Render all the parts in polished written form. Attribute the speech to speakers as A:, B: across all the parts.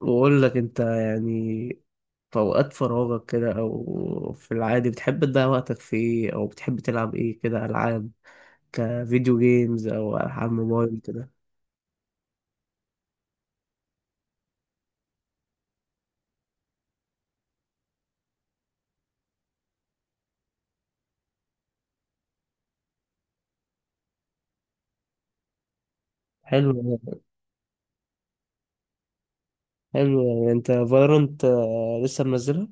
A: بقول لك انت يعني في اوقات فراغك كده او في العادي بتحب تضيع وقتك في ايه، او بتحب تلعب ايه كده؟ العاب كفيديو جيمز او العاب موبايل كده؟ حلو أوي. حلو، يعني انت فالورانت لسه منزلها؟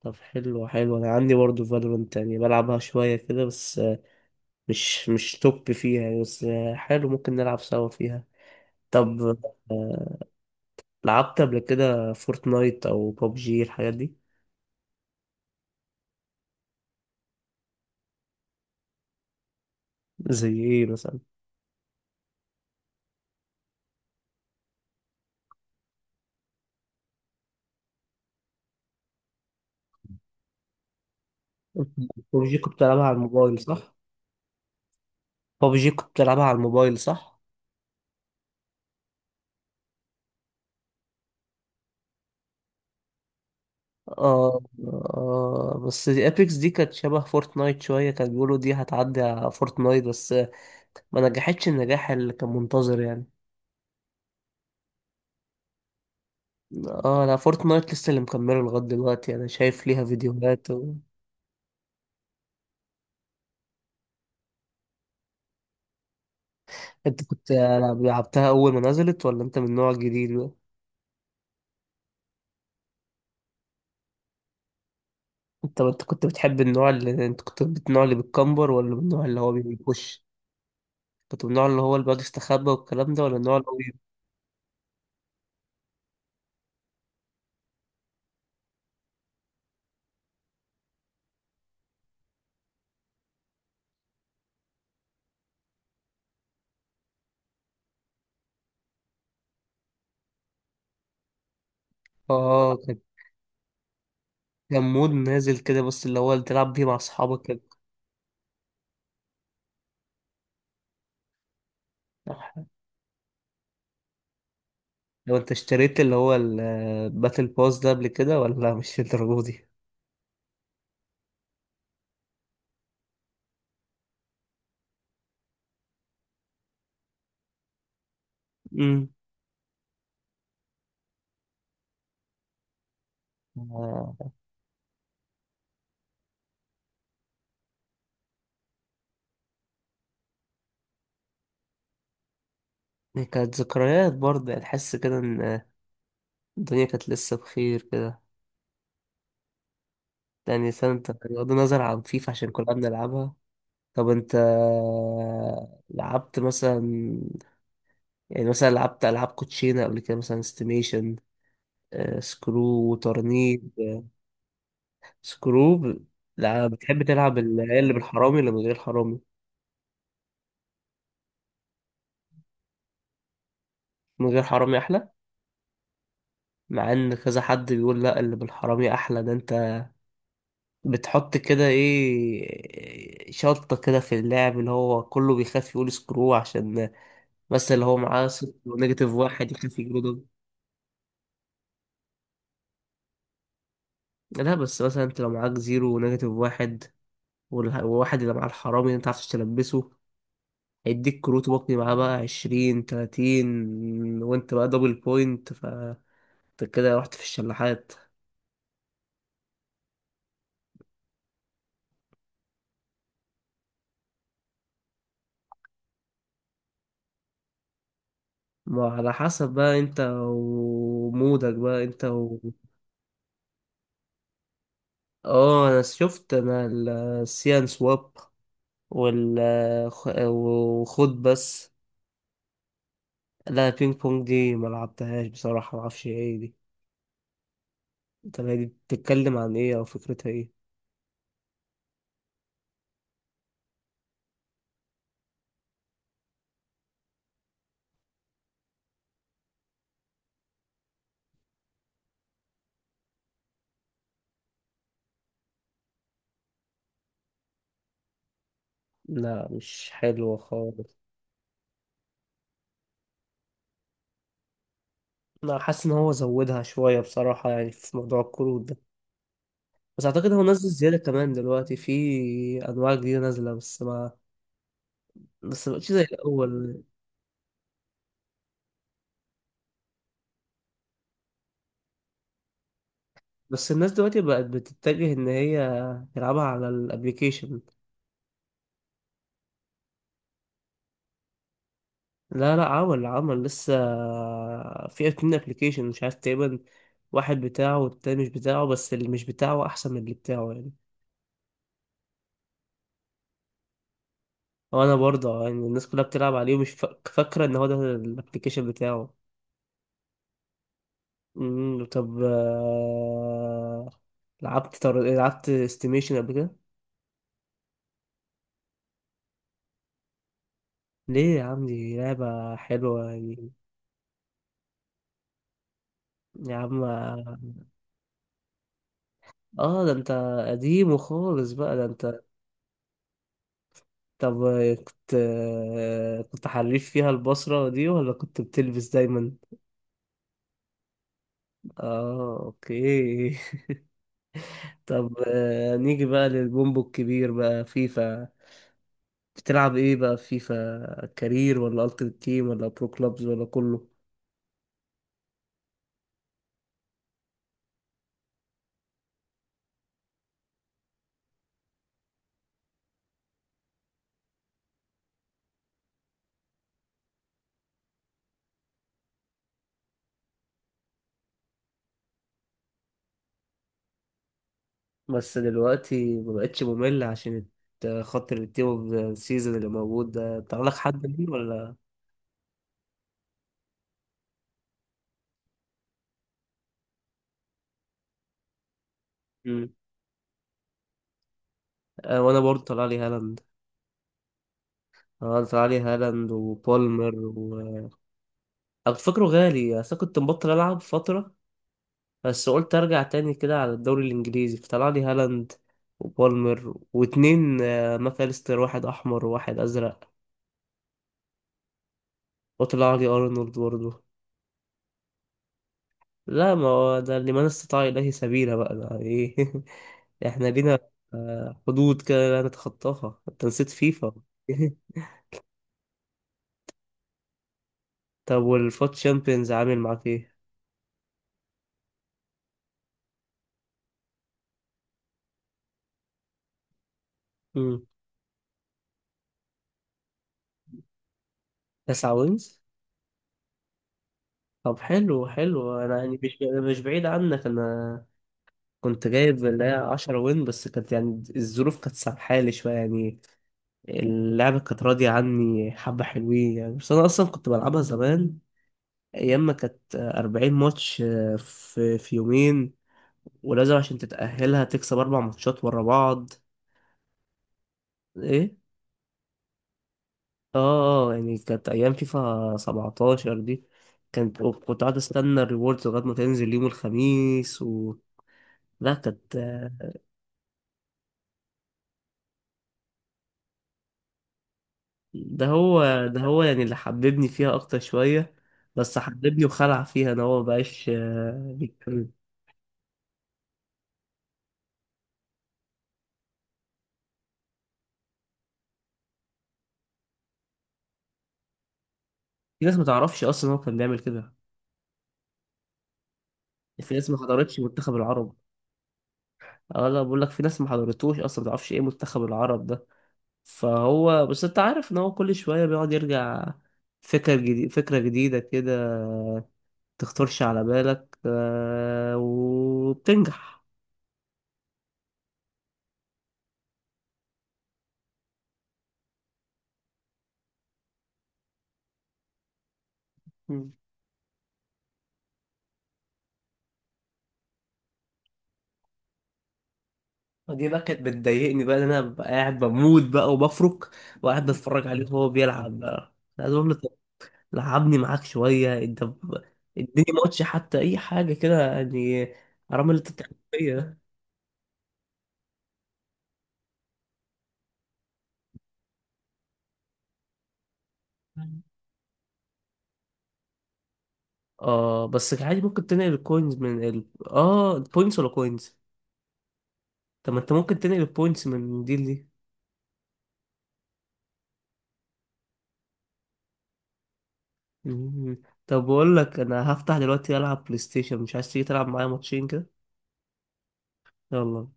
A: طب حلو حلو، انا عندي برضه فالورانت، يعني بلعبها شويه كده بس، مش توب فيها يعني، بس حلو، ممكن نلعب سوا فيها. طب آه، لعبت قبل كده فورتنايت او ببجي الحاجات دي؟ زي ايه مثلا؟ ببجي كنت بتلعبها على الموبايل صح؟ ببجي كنت بتلعبها على الموبايل صح؟ آه, آه بس دي ابيكس دي كانت شبه فورتنايت شوية، كانوا بيقولوا دي هتعدي على فورتنايت، بس ما نجحتش النجاح اللي كان منتظر يعني. اه لا، فورتنايت لسه اللي مكمله لغاية دلوقتي، انا شايف ليها فيديوهات و... انت كنت لعبتها اول ما نزلت، ولا انت من النوع الجديد بقى؟ انت كنت بتحب النوع اللي انت، كنت من النوع اللي بتكمبر ولا من النوع اللي هو بيخش؟ كنت من النوع اللي هو اللي بيقعد يستخبى والكلام ده، ولا النوع اللي هو؟ اه كان، كان مود نازل كده بس، اللي هو اللي تلعب بيه مع اصحابك كده. لو انت اشتريت اللي هو الباتل باس ده قبل كده ولا مش الدرجة دي؟ امم. آه، كانت ذكريات برضه يعني، تحس كده ان الدنيا كانت لسه بخير كده. يعني سنة، انت بغض النظر عن فيفا عشان كلنا بنلعبها. طب انت لعبت مثلا، يعني مثلا لعبت ألعاب كوتشينة قبل كده؟ مثلا استيميشن، سكرو وترنيب؟ سكروب. لا، بتحب تلعب اللي بالحرامي ولا من غير حرامي؟ من غير حرامي احلى. مع ان كذا حد بيقول لا، اللي بالحرامي احلى. ده انت بتحط كده ايه، شطة كده في اللعب، اللي هو كله بيخاف يقول سكرو عشان، بس اللي هو معاه صفر ونيجاتيف واحد يخاف يجيله دول. لا بس مثلا انت لو معاك زيرو ونيجاتيف واحد، والواحد اللي معاه الحرامي اللي انت عارفش تلبسه، هيديك كروت وقني معاه بقى 20 30، وانت بقى دبل بوينت، انت كده رحت في الشلاحات. ما على حسب بقى انت ومودك بقى انت و... اه انا شفت، انا السيان سواب وال، وخد بس. لا بينج بونج دي ما لعبتهاش بصراحة، ما اعرفش ايه دي. طب هي دي بتتكلم عن ايه او فكرتها ايه؟ لا مش حلوة خالص. انا حاسس ان هو زودها شوية بصراحة يعني، في موضوع الكروت ده. بس اعتقد هو نزل زيادة كمان دلوقتي، في انواع جديدة نازلة، بس ما، بس مبقتش زي الاول. بس الناس دلوقتي بقت بتتجه ان هي تلعبها على الابليكيشن. لا لا، عمل عمل لسه، في اتنين ابليكيشن مش عارف تقريبا، واحد بتاعه والتاني مش بتاعه، بس اللي مش بتاعه احسن من اللي بتاعه يعني. وانا برضه يعني الناس كلها بتلعب عليه، ومش فاكره ان هو ده الابليكيشن بتاعه. طب لعبت لعبت استيميشن قبل كده؟ ليه يا عم، دي لعبة حلوة يعني. يا عم. اه ده انت قديم وخالص بقى ده انت. طب كنت، كنت حريف فيها البصرة دي ولا كنت بتلبس دايما؟ اه اوكي. طب نيجي بقى للبومبو الكبير بقى، فيفا. بتلعب ايه بقى في فيفا؟ كارير ولا التيمت تيم ولا برو كلوبز ولا كله؟ بس دلوقتي مبقتش ممل عشان خاطر التيم اوف ذا سيزون اللي موجود ده، طلع لك حد مين ولا؟ مم. آه وانا برضه طلع لي هالاند. اه طلع لي هالاند وبولمر و... أنا كنت فاكره غالي، أصل أنا كنت مبطل ألعب فترة، بس قلت ارجع تاني كده على الدوري الانجليزي، فطلع لي هالاند وبالمر واتنين، ماكاليستر، واحد احمر وواحد ازرق. وطلع لي ارنولد برضه. لا ما هو ده اللي من استطاع اليه سبيلا بقى، ده ايه؟ احنا لينا حدود كده لا نتخطاها، انت نسيت فيفا؟ طب والفوت تشامبيونز عامل معاك ايه؟ مم. 9 وينز؟ طب حلو حلو، انا يعني مش، مش بعيد عنك انا، كنت جايب اللي هي 10 وين، بس كانت يعني الظروف كانت سامحالي شوية يعني، اللعبة كانت راضية عني حبة حلوين يعني. بس أنا أصلا كنت بلعبها زمان، أيام ما كانت 40 ماتش في يومين، ولازم عشان تتأهلها تكسب أربع ماتشات ورا بعض. إيه؟ آه. يعني كانت أيام فيفا 17 دي، كانت كنت قاعد أستنى الريوردز لغاية ما تنزل يوم الخميس، و... لا كانت. ده هو ده هو يعني اللي حببني فيها اكتر شويه. بس حببني وخلع فيها ان هو مبقاش بيتكلم. في ناس ما تعرفش اصلا هو كان بيعمل كده. في ناس ما حضرتش منتخب العرب. اه لا، بقول لك في ناس ما حضرتوش اصلا، ما تعرفش ايه منتخب العرب ده. فهو بس انت عارف ان هو كل شويه بيقعد يرجع، فكره جديده فكره جديده كده، تخطرش على بالك، وبتنجح. دي بقى كانت بتضايقني بقى، إن انا ببقى قاعد بموت بقى وبفرك، وقاعد بتفرج عليه وهو بيلعب بقى. أنا عايز اقول له طب لعبني معاك شويه، انت اديني ماتش حتى، اي حاجه كده يعني، حرام اللي انت بتعمله فيا ده. اه بس عادي، ممكن تنقل الكوينز من ال... اه البوينتس، ولا كوينز؟ طب ما انت ممكن تنقل البوينتس من دي لدي. مم. طب بقول لك انا هفتح دلوقتي العب بلاي ستيشن، مش عايز تيجي تلعب معايا ماتشين كده؟ يلا.